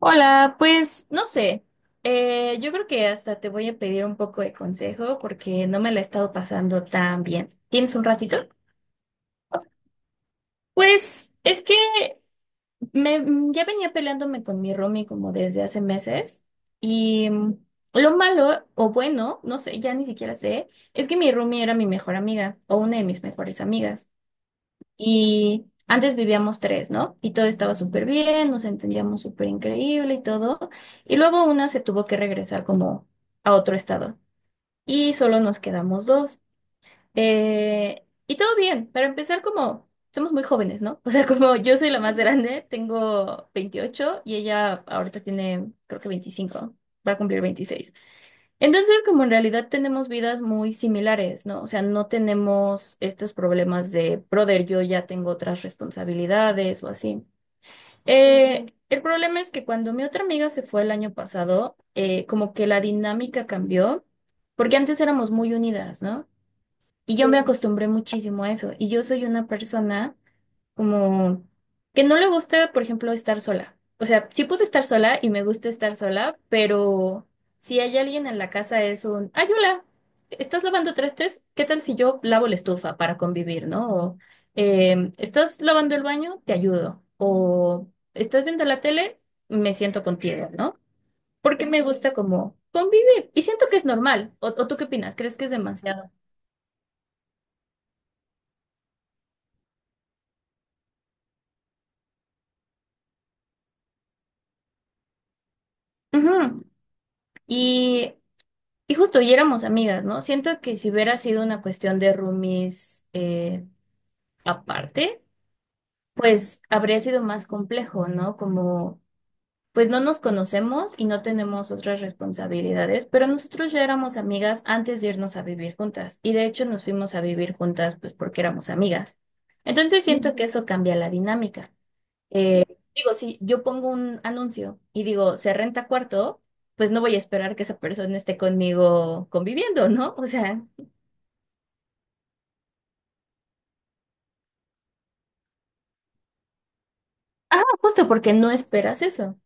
Hola, pues no sé, yo creo que hasta te voy a pedir un poco de consejo porque no me la he estado pasando tan bien. ¿Tienes un ratito? Pues es que ya venía peleándome con mi roomie como desde hace meses y lo malo o bueno, no sé, ya ni siquiera sé, es que mi roomie era mi mejor amiga o una de mis mejores amigas. Y antes vivíamos tres, ¿no? Y todo estaba súper bien, nos entendíamos súper increíble y todo. Y luego una se tuvo que regresar como a otro estado. Y solo nos quedamos dos. Y todo bien, para empezar como somos muy jóvenes, ¿no? O sea, como yo soy la más grande, tengo 28 y ella ahorita tiene creo que 25, va a cumplir 26. Entonces, como en realidad tenemos vidas muy similares, ¿no? O sea, no tenemos estos problemas de, brother, yo ya tengo otras responsabilidades o así. El problema es que cuando mi otra amiga se fue el año pasado, como que la dinámica cambió, porque antes éramos muy unidas, ¿no? Y yo me Sí. acostumbré muchísimo a eso. Y yo soy una persona como que no le gusta, por ejemplo, estar sola. O sea, sí puedo estar sola y me gusta estar sola, pero si hay alguien en la casa es un, ay, hola, ¿estás lavando trastes? ¿Qué tal si yo lavo la estufa para convivir, ¿no? O ¿estás lavando el baño? Te ayudo. O ¿estás viendo la tele? Me siento contigo, ¿no? Porque me gusta como convivir. Y siento que es normal. O tú qué opinas? ¿Crees que es demasiado? Ujú. Y Y justo, y éramos amigas, ¿no? Siento que si hubiera sido una cuestión de roomies aparte, pues habría sido más complejo, ¿no? Como, pues no nos conocemos y no tenemos otras responsabilidades, pero nosotros ya éramos amigas antes de irnos a vivir juntas. Y de hecho nos fuimos a vivir juntas, pues porque éramos amigas. Entonces siento que eso cambia la dinámica. Eh, Digo, si yo pongo un anuncio y digo, se renta cuarto, pues no voy a esperar que esa persona esté conmigo conviviendo, ¿no? O sea. Ajá, justo porque no esperas eso.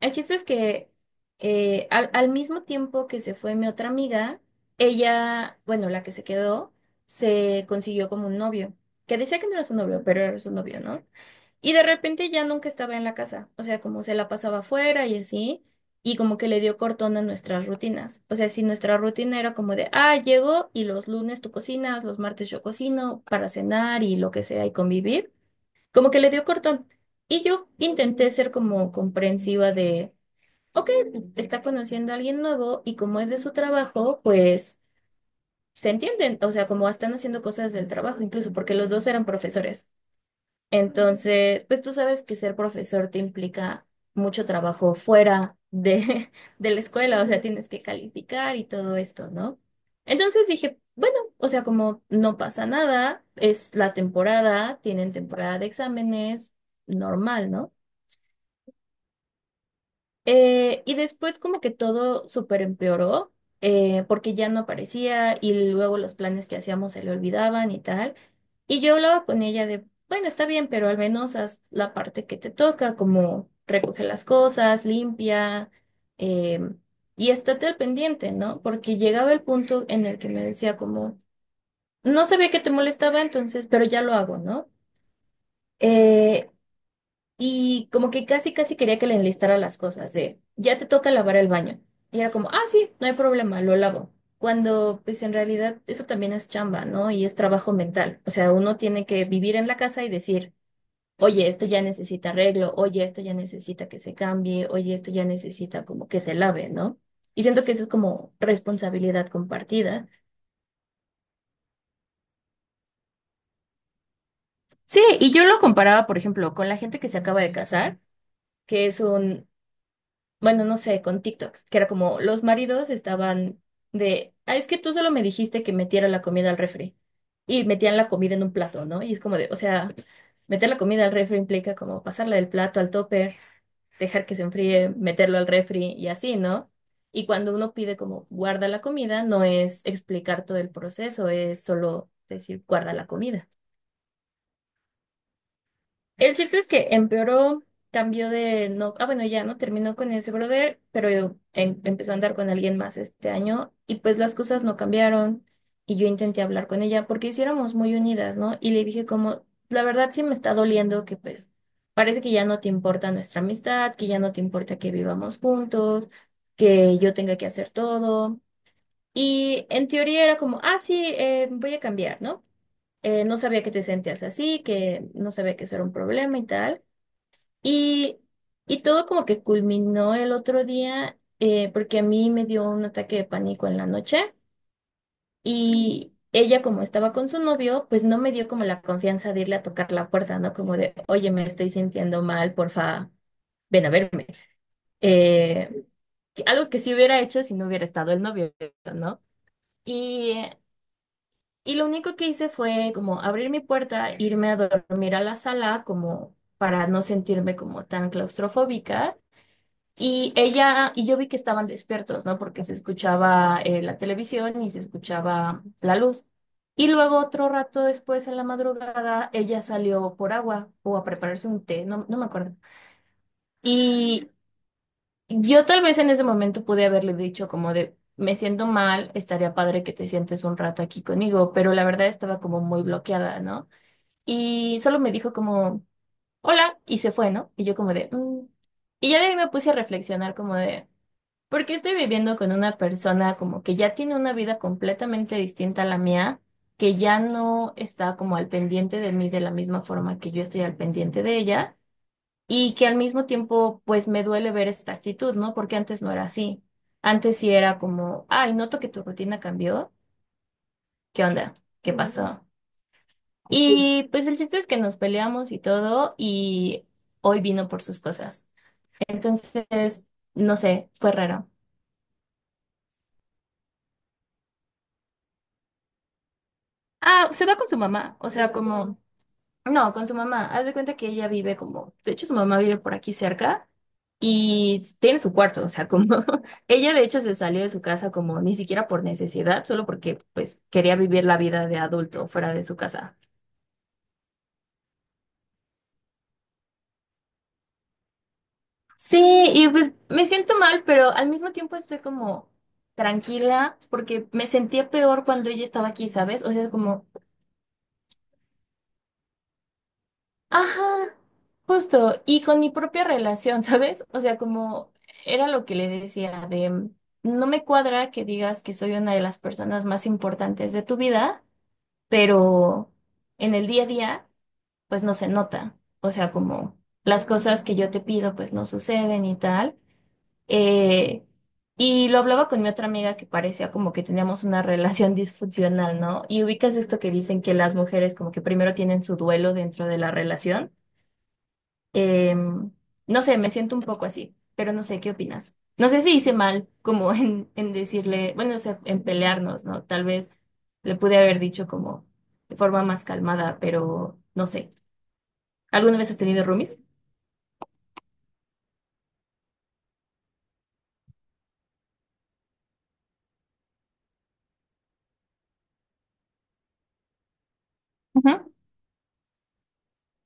El chiste es que al mismo tiempo que se fue mi otra amiga, ella, bueno, la que se quedó, se consiguió como un novio, que decía que no era su novio, pero era su novio, ¿no? Y de repente ya nunca estaba en la casa, o sea, como se la pasaba afuera y así, y como que le dio cortón a nuestras rutinas. O sea, si nuestra rutina era como de, ah, llego y los lunes tú cocinas, los martes yo cocino para cenar y lo que sea y convivir como que le dio cortón. Y yo intenté ser como comprensiva de, ok, está conociendo a alguien nuevo y como es de su trabajo, pues se entienden, o sea, como están haciendo cosas del trabajo, incluso porque los dos eran profesores. Entonces, pues tú sabes que ser profesor te implica mucho trabajo fuera de, de la escuela, o sea, tienes que calificar y todo esto, ¿no? Entonces dije, bueno, o sea, como no pasa nada, es la temporada, tienen temporada de exámenes, normal, ¿no? Y después como que todo súper empeoró, porque ya no aparecía y luego los planes que hacíamos se le olvidaban y tal. Y yo hablaba con ella de, bueno, está bien, pero al menos haz la parte que te toca, como recoge las cosas, limpia, eh, y estate al pendiente, ¿no? Porque llegaba el punto en el que me decía como, no sabía que te molestaba entonces, pero ya lo hago, ¿no? Eh, y como que casi, casi quería que le enlistara las cosas, de ya te toca lavar el baño. Y era como, ah, sí, no hay problema, lo lavo. Cuando, pues en realidad, eso también es chamba, ¿no? Y es trabajo mental. O sea, uno tiene que vivir en la casa y decir, oye, esto ya necesita arreglo, oye, esto ya necesita que se cambie, oye, esto ya necesita como que se lave, ¿no? Y siento que eso es como responsabilidad compartida. Sí, y yo lo comparaba, por ejemplo, con la gente que se acaba de casar, que es un bueno, no sé, con TikToks, que era como los maridos estaban de, ah, es que tú solo me dijiste que metiera la comida al refri. Y metían la comida en un plato, ¿no? Y es como de, o sea, meter la comida al refri implica como pasarla del plato al topper, dejar que se enfríe, meterlo al refri y así, ¿no? Y cuando uno pide como guarda la comida, no es explicar todo el proceso, es solo decir guarda la comida. El chiste es que empeoró, cambió de no, ah bueno, ya no terminó con ese brother, pero empezó a andar con alguien más este año y pues las cosas no cambiaron y yo intenté hablar con ella porque hiciéramos muy unidas, ¿no? Y le dije como, la verdad sí me está doliendo que pues parece que ya no te importa nuestra amistad, que ya no te importa que vivamos juntos, que yo tenga que hacer todo. Y en teoría era como, ah, sí, voy a cambiar, ¿no? No sabía que te sentías así, que no sabía que eso era un problema y tal. Y, y todo como que culminó el otro día porque a mí me dio un ataque de pánico en la noche y ella como estaba con su novio, pues no me dio como la confianza de irle a tocar la puerta, ¿no? Como de, oye, me estoy sintiendo mal, porfa, ven a verme. Eh, Algo que sí hubiera hecho si no hubiera estado el novio, ¿no? Y, y lo único que hice fue como abrir mi puerta, irme a dormir a la sala como para no sentirme como tan claustrofóbica. Y ella, y yo vi que estaban despiertos, ¿no? Porque se escuchaba la televisión y se escuchaba la luz. Y luego otro rato después, en la madrugada, ella salió por agua o a prepararse un té, no, no me acuerdo. Y yo tal vez en ese momento pude haberle dicho como de, me siento mal, estaría padre que te sientes un rato aquí conmigo, pero la verdad estaba como muy bloqueada, ¿no? Y solo me dijo como, hola, y se fue, ¿no? Y yo como de, "Mm". Y ya de ahí me puse a reflexionar como de... Porque estoy viviendo con una persona como que ya tiene una vida completamente distinta a la mía, que ya no está como al pendiente de mí de la misma forma que yo estoy al pendiente de ella, y que al mismo tiempo pues me duele ver esta actitud, ¿no? Porque antes no era así. Antes sí era como, ay, noto que tu rutina cambió. ¿Qué onda? ¿Qué pasó? Y pues el chiste es que nos peleamos y todo, y hoy vino por sus cosas. Entonces, no sé, fue raro. Ah, se va con su mamá, o sea, como... No, con su mamá. Haz de cuenta que ella vive como, de hecho su mamá vive por aquí cerca y tiene su cuarto, o sea, como ella de hecho se salió de su casa como ni siquiera por necesidad, solo porque pues quería vivir la vida de adulto fuera de su casa. Sí, y pues me siento mal, pero al mismo tiempo estoy como tranquila porque me sentía peor cuando ella estaba aquí, ¿sabes? O sea, como Ajá, justo, y con mi propia relación, ¿sabes? O sea, como era lo que le decía de, no me cuadra que digas que soy una de las personas más importantes de tu vida, pero en el día a día, pues no se nota. O sea, como las cosas que yo te pido, pues no suceden y tal. Eh, y lo hablaba con mi otra amiga que parecía como que teníamos una relación disfuncional, ¿no? Y ubicas esto que dicen que las mujeres como que primero tienen su duelo dentro de la relación. Eh, no sé, me siento un poco así, pero no sé, ¿qué opinas? No sé si hice mal como en decirle, bueno, o sea, en pelearnos, ¿no? Tal vez le pude haber dicho como de forma más calmada, pero no sé. ¿Alguna vez has tenido roomies? Ujú,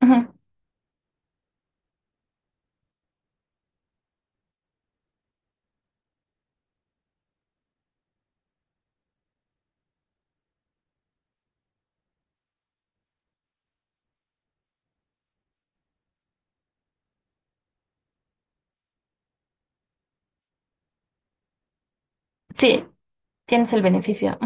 ujú. Sí, tienes el beneficio.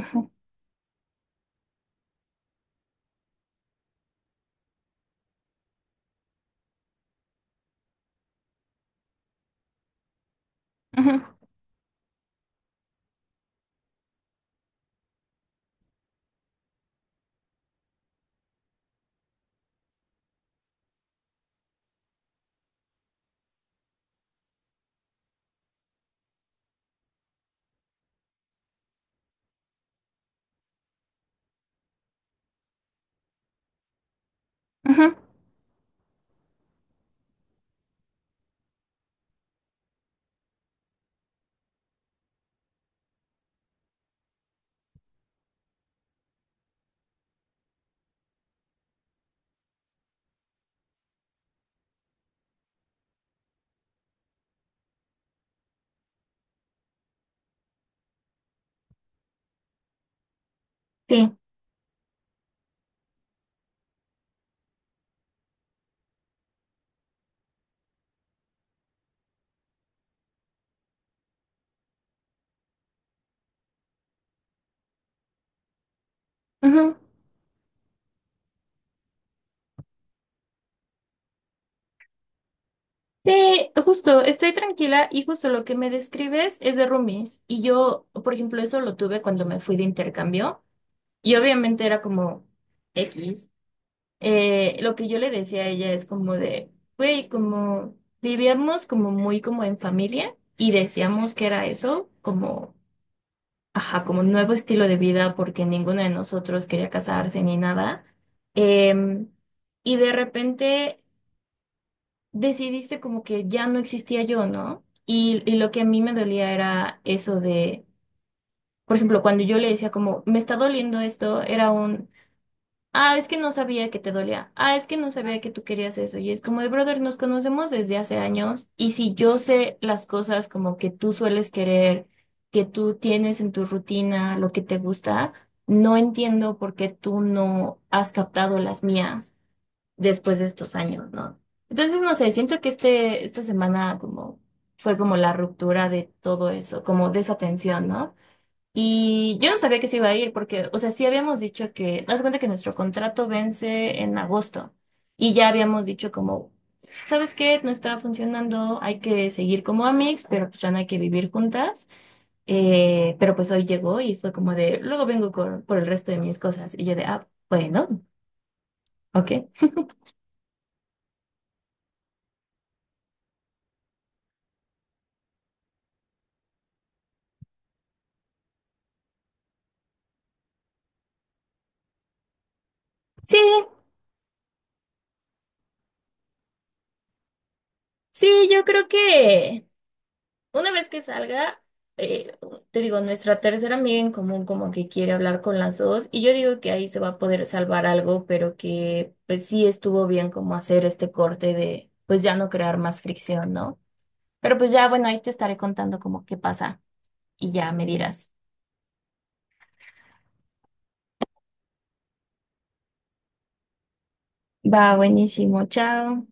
Ujú, ujú. Sí. Ujú. Sí, justo, estoy tranquila y justo lo que me describes es de roomies. Y yo, por ejemplo, eso lo tuve cuando me fui de intercambio y obviamente era como... X. Lo que yo le decía a ella es como de, güey, como vivíamos como muy como en familia y decíamos que era eso, como, ajá, como un nuevo estilo de vida porque ninguno de nosotros quería casarse ni nada. Em, y de repente decidiste como que ya no existía yo, ¿no? Y lo que a mí me dolía era eso de, por ejemplo, cuando yo le decía como, me está doliendo esto, era un... Ah, es que no sabía que te dolía. Ah, es que no sabía que tú querías eso. Y es como de brother, nos conocemos desde hace años. Y si yo sé las cosas como que tú sueles querer, que tú tienes en tu rutina, lo que te gusta, no entiendo por qué tú no has captado las mías después de estos años, ¿no? Entonces, no sé, siento que este, esta semana como fue como la ruptura de todo eso, como de esa tensión, ¿no? Y yo no sabía que se iba a ir porque, o sea, sí habíamos dicho que, haz de cuenta que nuestro contrato vence en agosto y ya habíamos dicho como, ¿sabes qué? No está funcionando, hay que seguir como amigos, pero pues ya no hay que vivir juntas. Pero pues hoy llegó y fue como de, luego por el resto de mis cosas. Y yo de, ah, bueno, ok. Sí, sí, yo creo que... Una vez que salga, eh, te digo, nuestra tercera amiga en común como que quiere hablar con las dos y yo digo que ahí se va a poder salvar algo, pero que pues sí estuvo bien como hacer este corte de pues ya no crear más fricción, ¿no? Pero pues ya, bueno, ahí te estaré contando como qué pasa y ya me dirás. Va, buenísimo, chao.